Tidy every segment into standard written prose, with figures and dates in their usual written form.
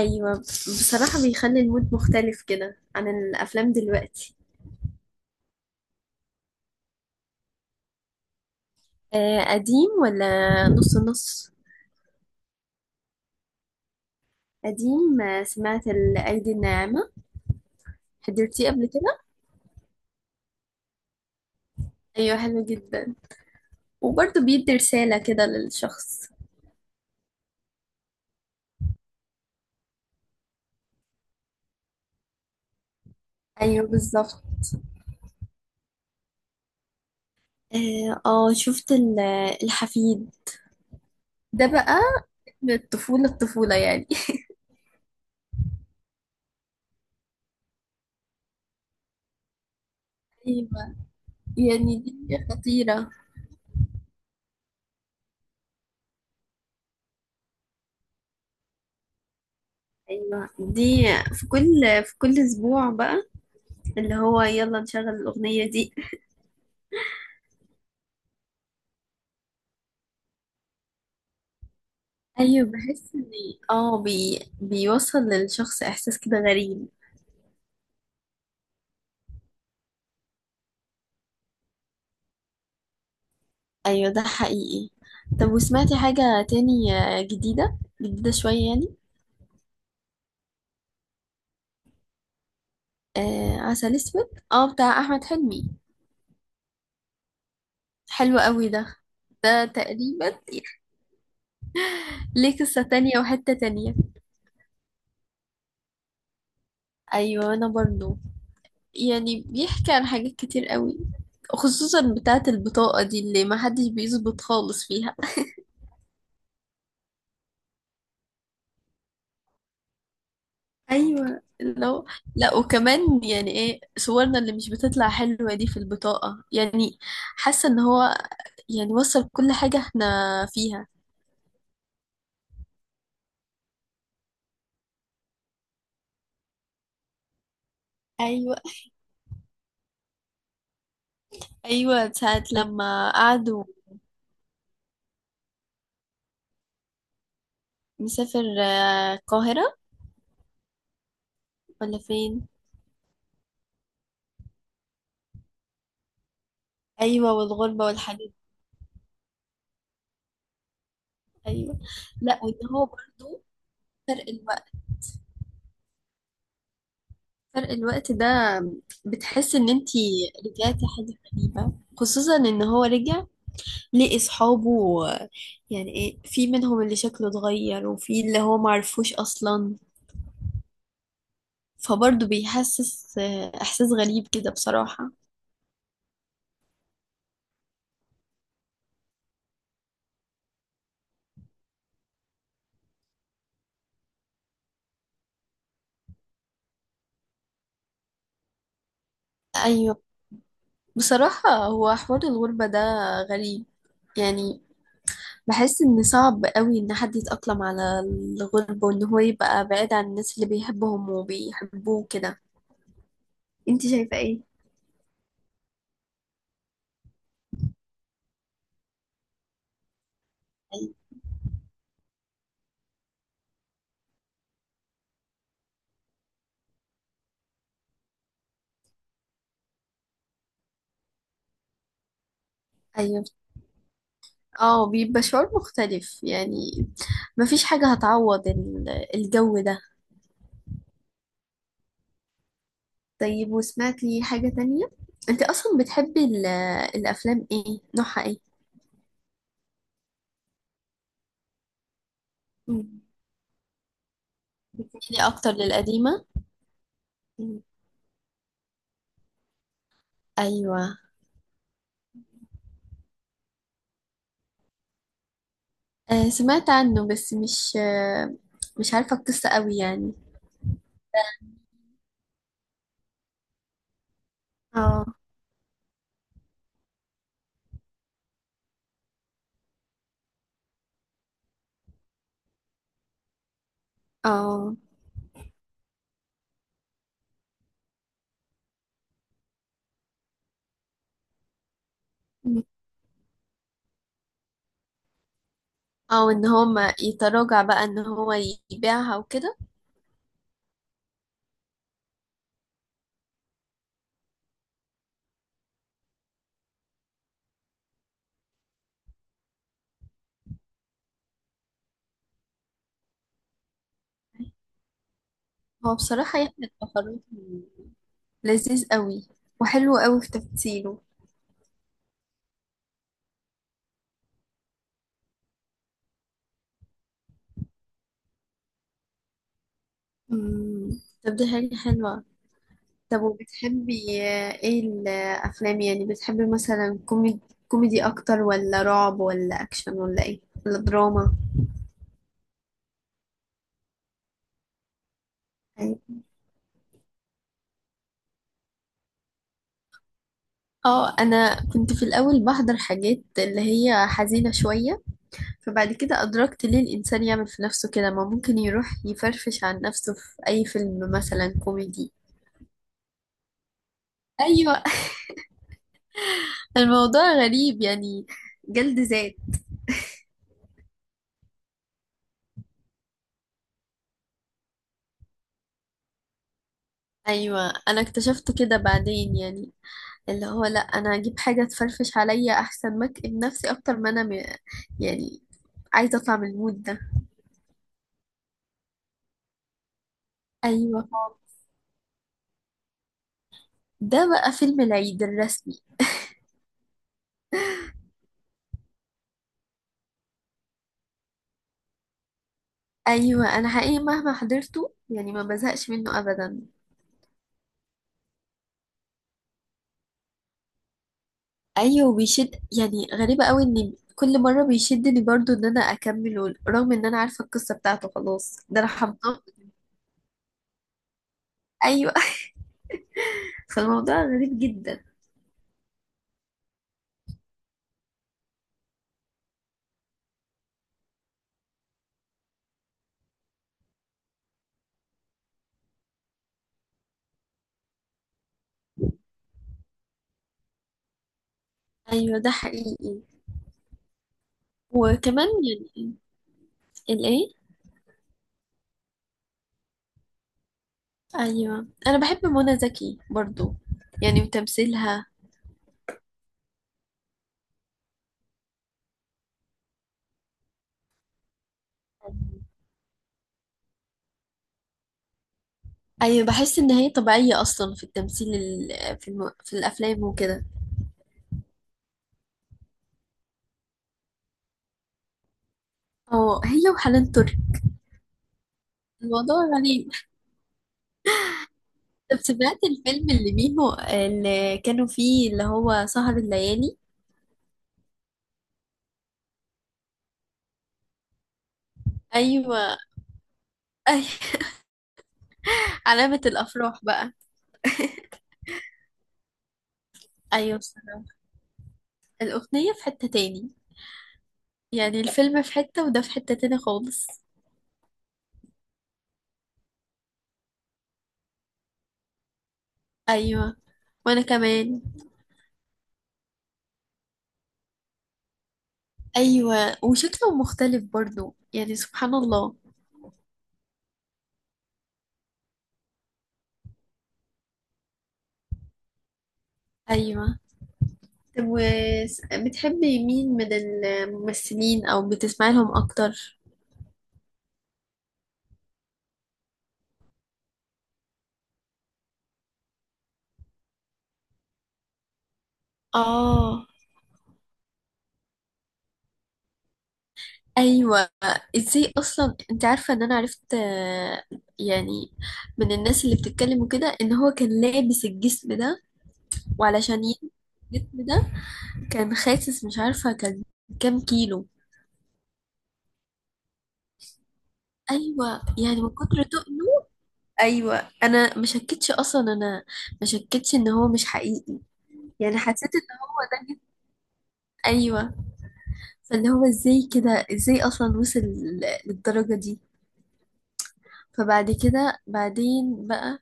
ايوه بصراحة بيخلي المود مختلف كده عن الافلام دلوقتي قديم ولا؟ نص نص. قديم. سمعت الايدي الناعمة. حضرتيه قبل كده؟ ايوه، حلو جدا وبرضه بيدي رسالة كده للشخص. ايوه، بالظبط. اه، شفت الحفيد. ده بقى. من الطفولة الطفولة يعني. ايوه، يعني دي خطيرة. ايوه، دي في كل في كل اسبوع بقى، اللي هو يلا نشغل الاغنية دي. ايوه، بحس ان بيوصل للشخص احساس كده غريب. ايوه، ده حقيقي. طب، وسمعتي حاجة تاني، جديدة جديدة شوية يعني؟ آه، عسل اسود، بتاع احمد حلمي. حلو قوي ده. ده تقريبا ليه قصة تانية وحتة تانية. ايوه، انا برضو، يعني بيحكي عن حاجات كتير قوي، خصوصا بتاعة البطاقة دي اللي محدش بيظبط خالص فيها. ايوه. لا، وكمان يعني ايه صورنا اللي مش بتطلع حلوه دي في البطاقه، يعني حاسه ان هو يعني وصل كل حاجه احنا فيها. ايوه، ايوه، ساعه لما قعدوا مسافر، القاهره ولا فين؟ ايوه، والغربه والحاجات دي. ايوه، لا، وان هو برضو فرق الوقت، فرق الوقت ده بتحس ان انتي رجعتي حاجه غريبه، خصوصا ان هو رجع ليه اصحابه، يعني ايه، في منهم اللي شكله اتغير وفي اللي هو معرفوش اصلا، فبرضه بيحسس احساس غريب كده بصراحة. ايوه، بصراحة هو حوار الغربة ده غريب، يعني بحس ان صعب قوي ان حد يتأقلم على الغربة وان هو يبقى بعيد عن الناس اللي بيحبهم وبيحبوه كده. انت شايفة ايه؟ ايوه، اه، بيبقى شعور مختلف يعني. مفيش حاجة هتعوض الجو ده. طيب، وسمعت لي حاجة تانية، انت اصلا بتحبي الافلام ايه، نوعها ايه؟ مم. يعني اكتر للقديمة. مم. ايوه. آه، سمعت عنه بس مش عارفة القصة قوي يعني. اه، اه، مم. او ان هو ما يتراجع بقى، ان هو يبيعها وكده. هو بصراحة يحيى الفخراني لذيذ قوي، وحلو قوي في تمثيله. مم. طب، دي حاجة حلوة. طب، وبتحبي ايه الافلام؟ يعني بتحبي مثلا كوميدي. كوميدي اكتر ولا رعب ولا اكشن ولا ايه، ولا دراما؟ أيوة. اه، انا كنت في الاول بحضر حاجات اللي هي حزينة شوية، فبعد كده ادركت ليه الانسان يعمل في نفسه كده؟ ما ممكن يروح يفرفش عن نفسه في اي فيلم مثلا كوميدي. ايوه. الموضوع غريب يعني، جلد ذات. ايوه، انا اكتشفت كده بعدين يعني، اللي هو لا، انا اجيب حاجه تفرفش عليا احسن ما اكئب نفسي اكتر، ما يعني عايزه اطلع من المود ده. ايوه، ده بقى فيلم العيد الرسمي. ايوه، انا حقيقي مهما حضرته يعني ما بزهقش منه ابدا. ايوه، وبيشد، يعني غريبه قوي ان كل مره بيشدني برضو ان انا اكمله، رغم ان انا عارفه القصه بتاعته خلاص، ده انا حافظاه. ايوه. فالموضوع غريب جدا. ايوه، ده حقيقي. وكمان يعني الايه؟ ايوه، انا بحب منى زكي برضو، يعني وتمثيلها. ايوه، بحس ان هي طبيعيه اصلا في التمثيل، في الافلام وكده. اه، هي وحنان ترك. الموضوع غريب. طب، سمعت الفيلم اللي ميمو اللي كانوا فيه، اللي هو سهر الليالي؟ ايوه. أي... علامه الافراح بقى. ايوه، بصراحه الاغنيه في حته تاني، يعني الفيلم في حته وده في حته تاني خالص. ايوه، وانا كمان. ايوه، وشكله مختلف برضو يعني، سبحان الله. ايوه. طب، وبتحبي مين من الممثلين او بتسمعي لهم اكتر؟ اه. ايوه، ازاي اصلا انت عارفه ان انا عرفت، يعني من الناس اللي بتتكلم وكده، ان هو كان لابس الجسم ده. وعلشان يلبس الجسم ده كان خاسس، مش عارفه كان كام كيلو. ايوه، يعني من كتر تقله. ايوه، انا ما شكتش اصلا، انا ما شكتش ان هو مش حقيقي. يعني حسيت ان جيت- ايوه، فاللي هو ازاي كده، ازاي اصلا وصل للدرجة دي. فبعد كده بعدين بقى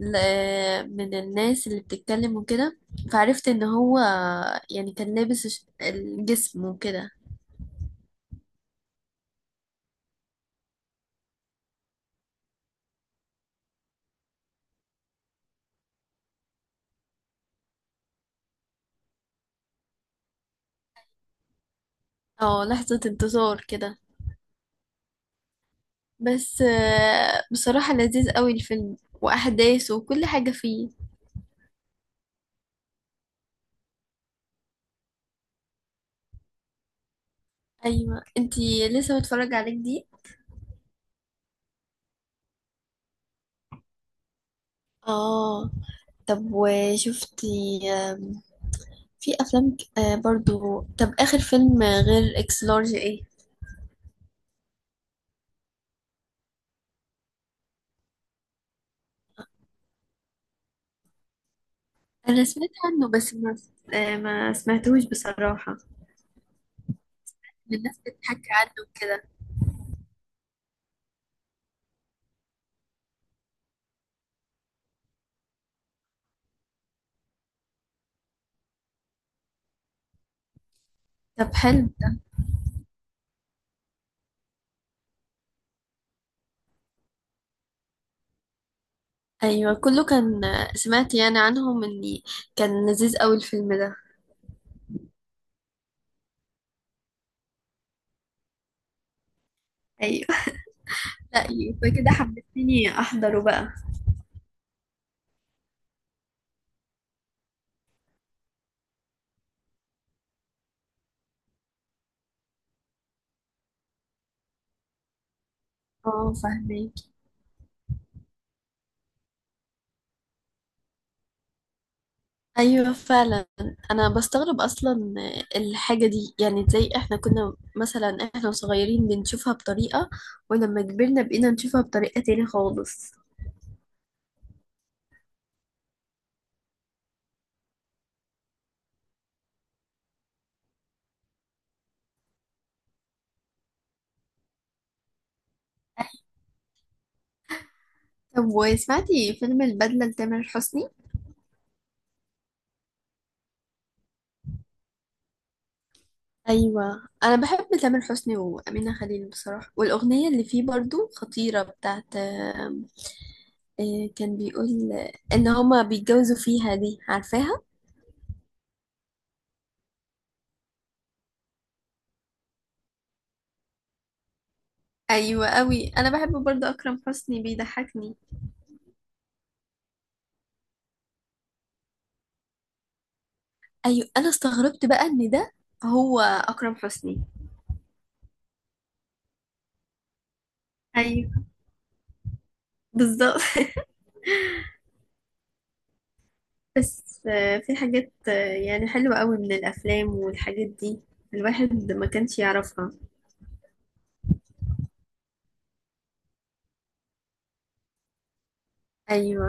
من الناس اللي بتتكلم وكده، فعرفت ان هو يعني كان لابس الجسم وكده. اه، لحظة انتصار كده. بس بصراحة لذيذ قوي الفيلم، واحداثه وكل حاجة فيه. ايوه، انتي لسه متفرجة عليه جديد. اه. طب، وشفتي في افلام برضو؟ طب، اخر فيلم غير اكس لارج ايه؟ انا سمعت عنه، بس ما سمعتوش بصراحة، من الناس بتحكي عنه كده. طب، حلو. ايوه، كله كان، سمعت يعني عنهم اني كان لذيذ قوي الفيلم ده. ايوه. لا، يبقى كده حمستني احضره بقى. اه، فاهمه. ايوه فعلا. انا بستغرب اصلا الحاجه دي، يعني ازاي احنا كنا مثلا، احنا صغيرين بنشوفها بطريقه، ولما كبرنا بقينا نشوفها بطريقه تاني خالص. طب، وسمعتي فيلم البدلة لتامر حسني؟ ايوه، انا بحب تامر حسني وامينه خليل بصراحه، والاغنيه اللي فيه برضو خطيره بتاعت آم، آه، كان بيقول ان هما بيتجوزوا فيها دي، عارفاها؟ أيوة، أوي أنا بحب برضه أكرم حسني، بيضحكني. ايوه، انا استغربت بقى ان ده هو اكرم حسني. ايوه، بالظبط. بس في حاجات، يعني حلوة قوي من الافلام، والحاجات دي الواحد ما كانش يعرفها. ايوه.